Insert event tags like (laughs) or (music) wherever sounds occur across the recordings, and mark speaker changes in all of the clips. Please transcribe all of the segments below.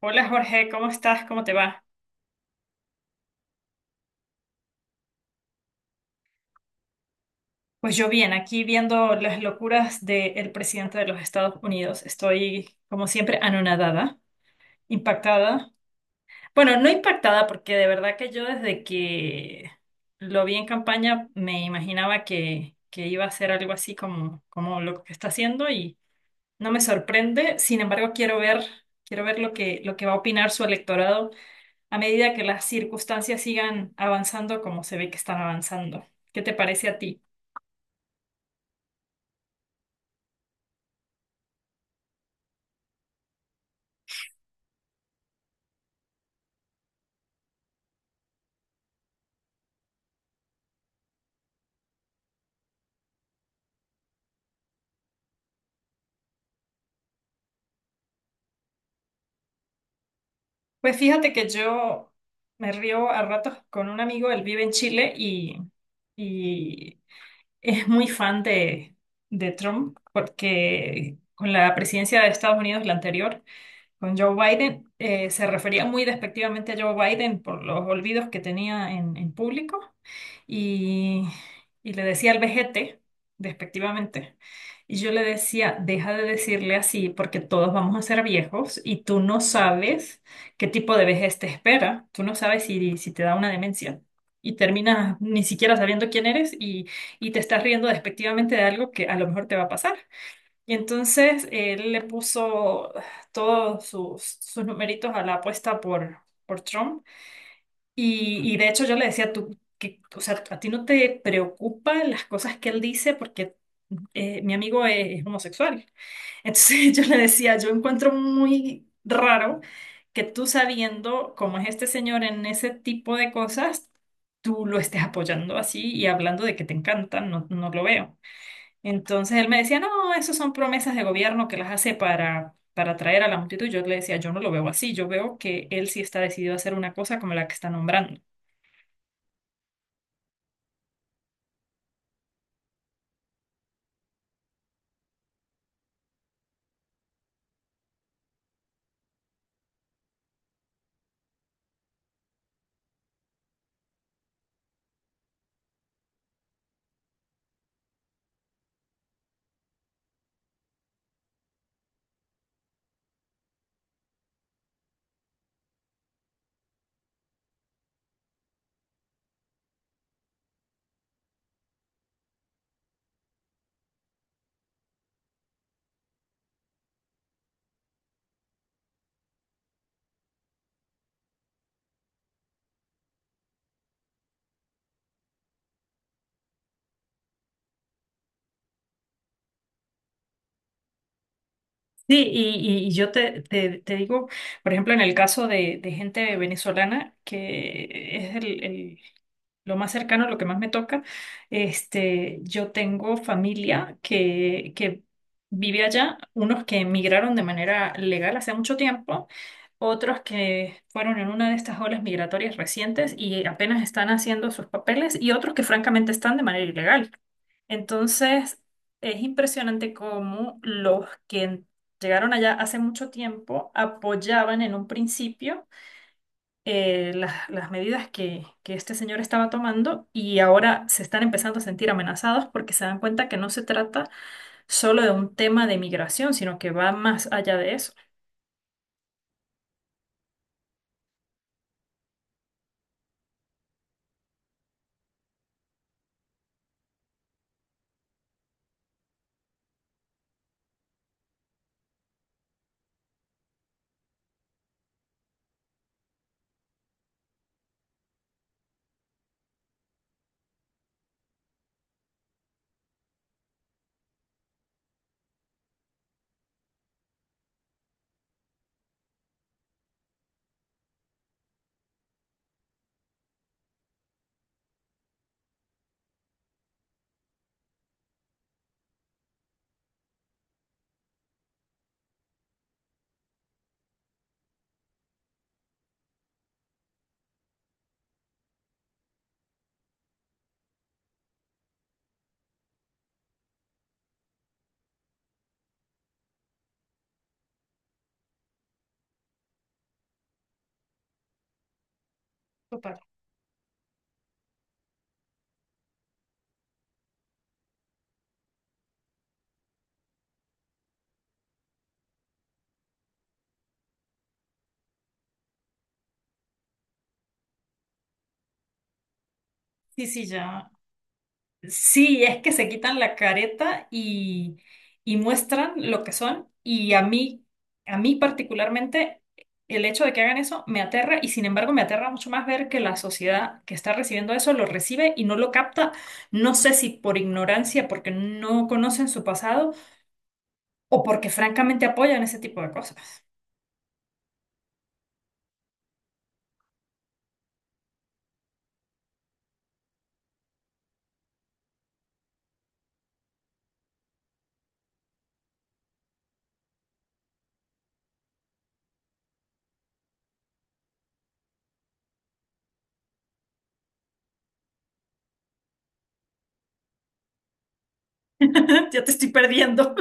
Speaker 1: Hola Jorge, ¿cómo estás? ¿Cómo te va? Pues yo bien, aquí viendo las locuras del presidente de los Estados Unidos. Estoy, como siempre, anonadada, impactada. Bueno, no impactada porque de verdad que yo desde que lo vi en campaña me imaginaba que iba a ser algo así como, como lo que está haciendo y no me sorprende. Sin embargo, quiero ver lo que va a opinar su electorado a medida que las circunstancias sigan avanzando como se ve que están avanzando. ¿Qué te parece a ti? Pues fíjate que yo me río a ratos con un amigo, él vive en Chile y (laughs) es muy fan de Trump porque con la presidencia de Estados Unidos, la anterior, con Joe Biden, se refería muy despectivamente a Joe Biden por los olvidos que tenía en público y, y le decía al vejete, despectivamente, y yo le decía, deja de decirle así porque todos vamos a ser viejos y tú no sabes qué tipo de vejez te espera, tú no sabes si te da una demencia. Y terminas ni siquiera sabiendo quién eres y te estás riendo despectivamente de algo que a lo mejor te va a pasar. Y entonces él le puso todos sus numeritos a la apuesta por Trump y de hecho yo le decía, tú, que, o sea, a ti no te preocupan las cosas que él dice porque mi amigo es homosexual. Entonces (laughs) yo le decía, yo encuentro muy raro que tú sabiendo cómo es este señor en ese tipo de cosas, tú lo estés apoyando así y hablando de que te encantan, no, no lo veo. Entonces él me decía, no, eso son promesas de gobierno que las hace para atraer a la multitud. Yo le decía, yo no lo veo así, yo veo que él sí está decidido a hacer una cosa como la que está nombrando. Sí, y yo te digo, por ejemplo, en el caso de gente venezolana, que es lo más cercano, lo que más me toca, este, yo tengo familia que vive allá, unos que emigraron de manera legal hace mucho tiempo, otros que fueron en una de estas olas migratorias recientes y apenas están haciendo sus papeles, y otros que francamente están de manera ilegal. Entonces, es impresionante cómo los que llegaron allá hace mucho tiempo apoyaban en un principio las medidas que este señor estaba tomando y ahora se están empezando a sentir amenazados porque se dan cuenta que no se trata solo de un tema de migración, sino que va más allá de eso. Total. Sí, sí, ya. Sí, es que se quitan la careta y muestran lo que son. Y a mí particularmente, el hecho de que hagan eso me aterra y sin embargo me aterra mucho más ver que la sociedad que está recibiendo eso lo recibe y no lo capta. No sé si por ignorancia, porque no conocen su pasado o porque francamente apoyan ese tipo de cosas. (laughs) Ya te estoy perdiendo.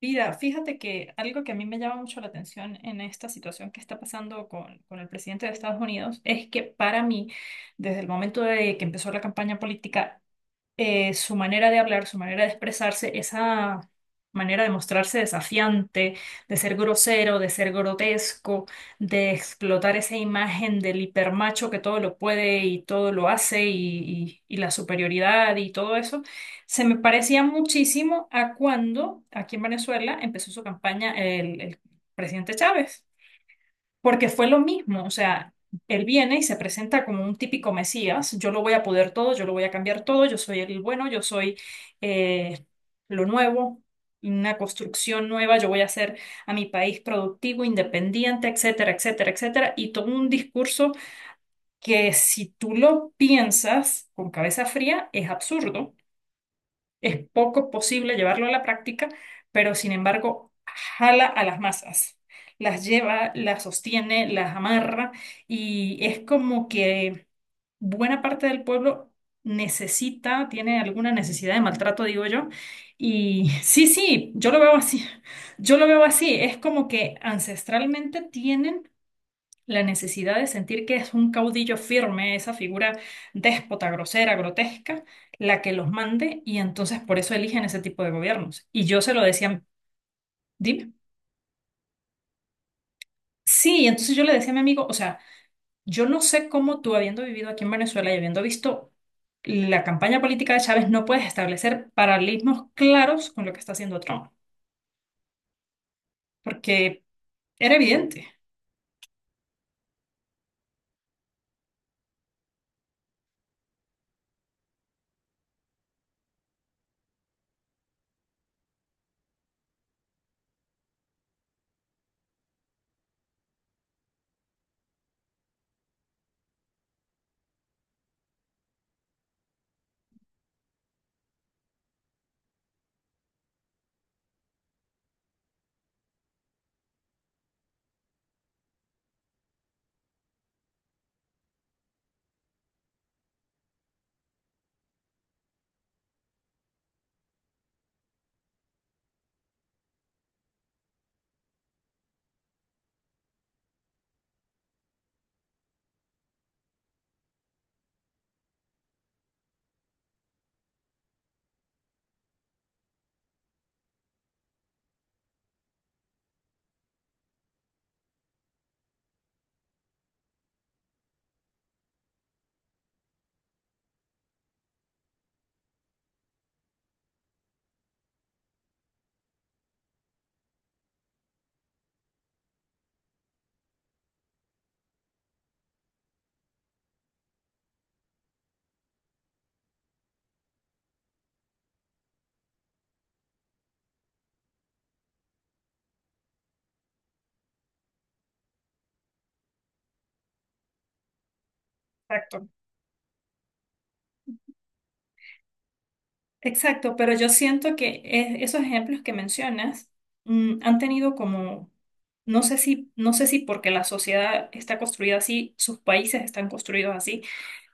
Speaker 1: Mira, fíjate que algo que a mí me llama mucho la atención en esta situación que está pasando con el presidente de Estados Unidos es que para mí, desde el momento de que empezó la campaña política, su manera de hablar, su manera de expresarse, esa manera de mostrarse desafiante, de ser grosero, de ser grotesco, de explotar esa imagen del hipermacho que todo lo puede y todo lo hace y la superioridad y todo eso, se me parecía muchísimo a cuando aquí en Venezuela empezó su campaña el presidente Chávez. Porque fue lo mismo, o sea, él viene y se presenta como un típico Mesías, yo lo voy a poder todo, yo lo voy a cambiar todo, yo soy el bueno, yo soy eh, lo nuevo, una construcción nueva, yo voy a hacer a mi país productivo, independiente, etcétera, etcétera, etcétera, y todo un discurso que si tú lo piensas con cabeza fría es absurdo, es poco posible llevarlo a la práctica, pero sin embargo jala a las masas, las lleva, las sostiene, las amarra y es como que buena parte del pueblo necesita, tiene alguna necesidad de maltrato, digo yo. Y sí, sí, yo lo veo así, yo lo veo así, es como que ancestralmente tienen la necesidad de sentir que es un caudillo firme, esa figura déspota, grosera, grotesca, la que los mande y entonces por eso eligen ese tipo de gobiernos. Y yo se lo decía, dime. Sí, y entonces yo le decía a mi amigo, o sea, yo no sé cómo tú habiendo vivido aquí en Venezuela y habiendo visto la campaña política de Chávez, no puedes establecer paralelismos claros con lo que está haciendo Trump, porque era evidente. Exacto. Exacto, pero yo siento que esos ejemplos que mencionas mm, han tenido como, no sé si, no sé si porque la sociedad está construida así, sus países están construidos así,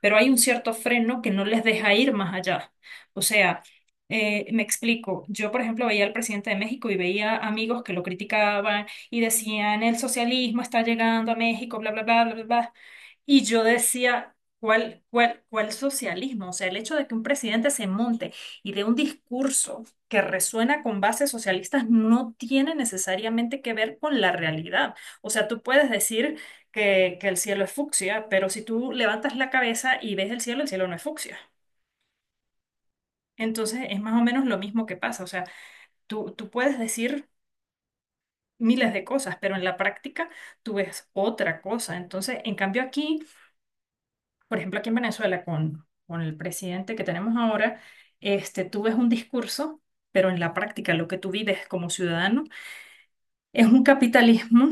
Speaker 1: pero hay un cierto freno que no les deja ir más allá. O sea, me explico, yo por ejemplo veía al presidente de México y veía amigos que lo criticaban y decían, el socialismo está llegando a México, bla, bla, bla, bla, bla. Bla". Y yo decía, ¿cuál, cuál, cuál socialismo? O sea, el hecho de que un presidente se monte y de un discurso que resuena con bases socialistas no tiene necesariamente que ver con la realidad. O sea, tú puedes decir que el cielo es fucsia, pero si tú levantas la cabeza y ves el cielo no es fucsia. Entonces es más o menos lo mismo que pasa. O sea, tú puedes decir miles de cosas, pero en la práctica tú ves otra cosa. Entonces, en cambio aquí, por ejemplo, aquí en Venezuela con el presidente que tenemos ahora, este, tú ves un discurso, pero en la práctica lo que tú vives como ciudadano es un capitalismo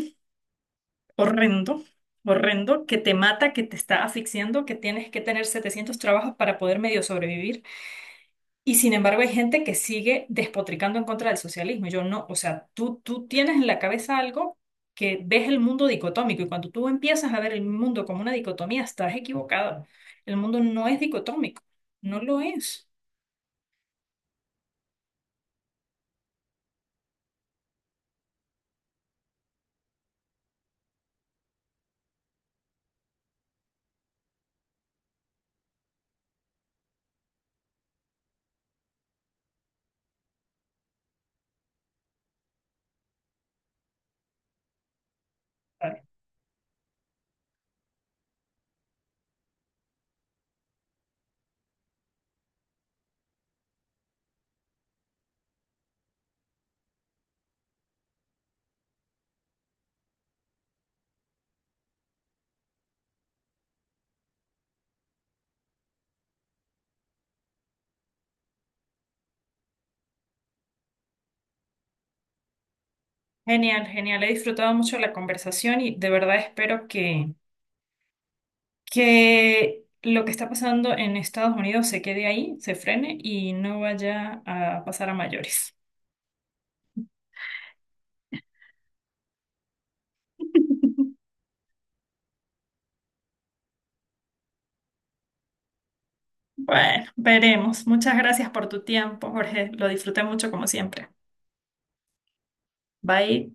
Speaker 1: horrendo, horrendo, que te mata, que te está asfixiando, que tienes que tener 700 trabajos para poder medio sobrevivir. Y sin embargo hay gente que sigue despotricando en contra del socialismo. Yo no, o sea, tú tienes en la cabeza algo que ves el mundo dicotómico y cuando tú empiezas a ver el mundo como una dicotomía, estás equivocado. El mundo no es dicotómico, no lo es. Genial, genial. He disfrutado mucho la conversación y de verdad espero que lo que está pasando en Estados Unidos se quede ahí, se frene y no vaya a pasar a mayores. (laughs) Bueno, veremos. Muchas gracias por tu tiempo, Jorge. Lo disfruté mucho como siempre. Bye.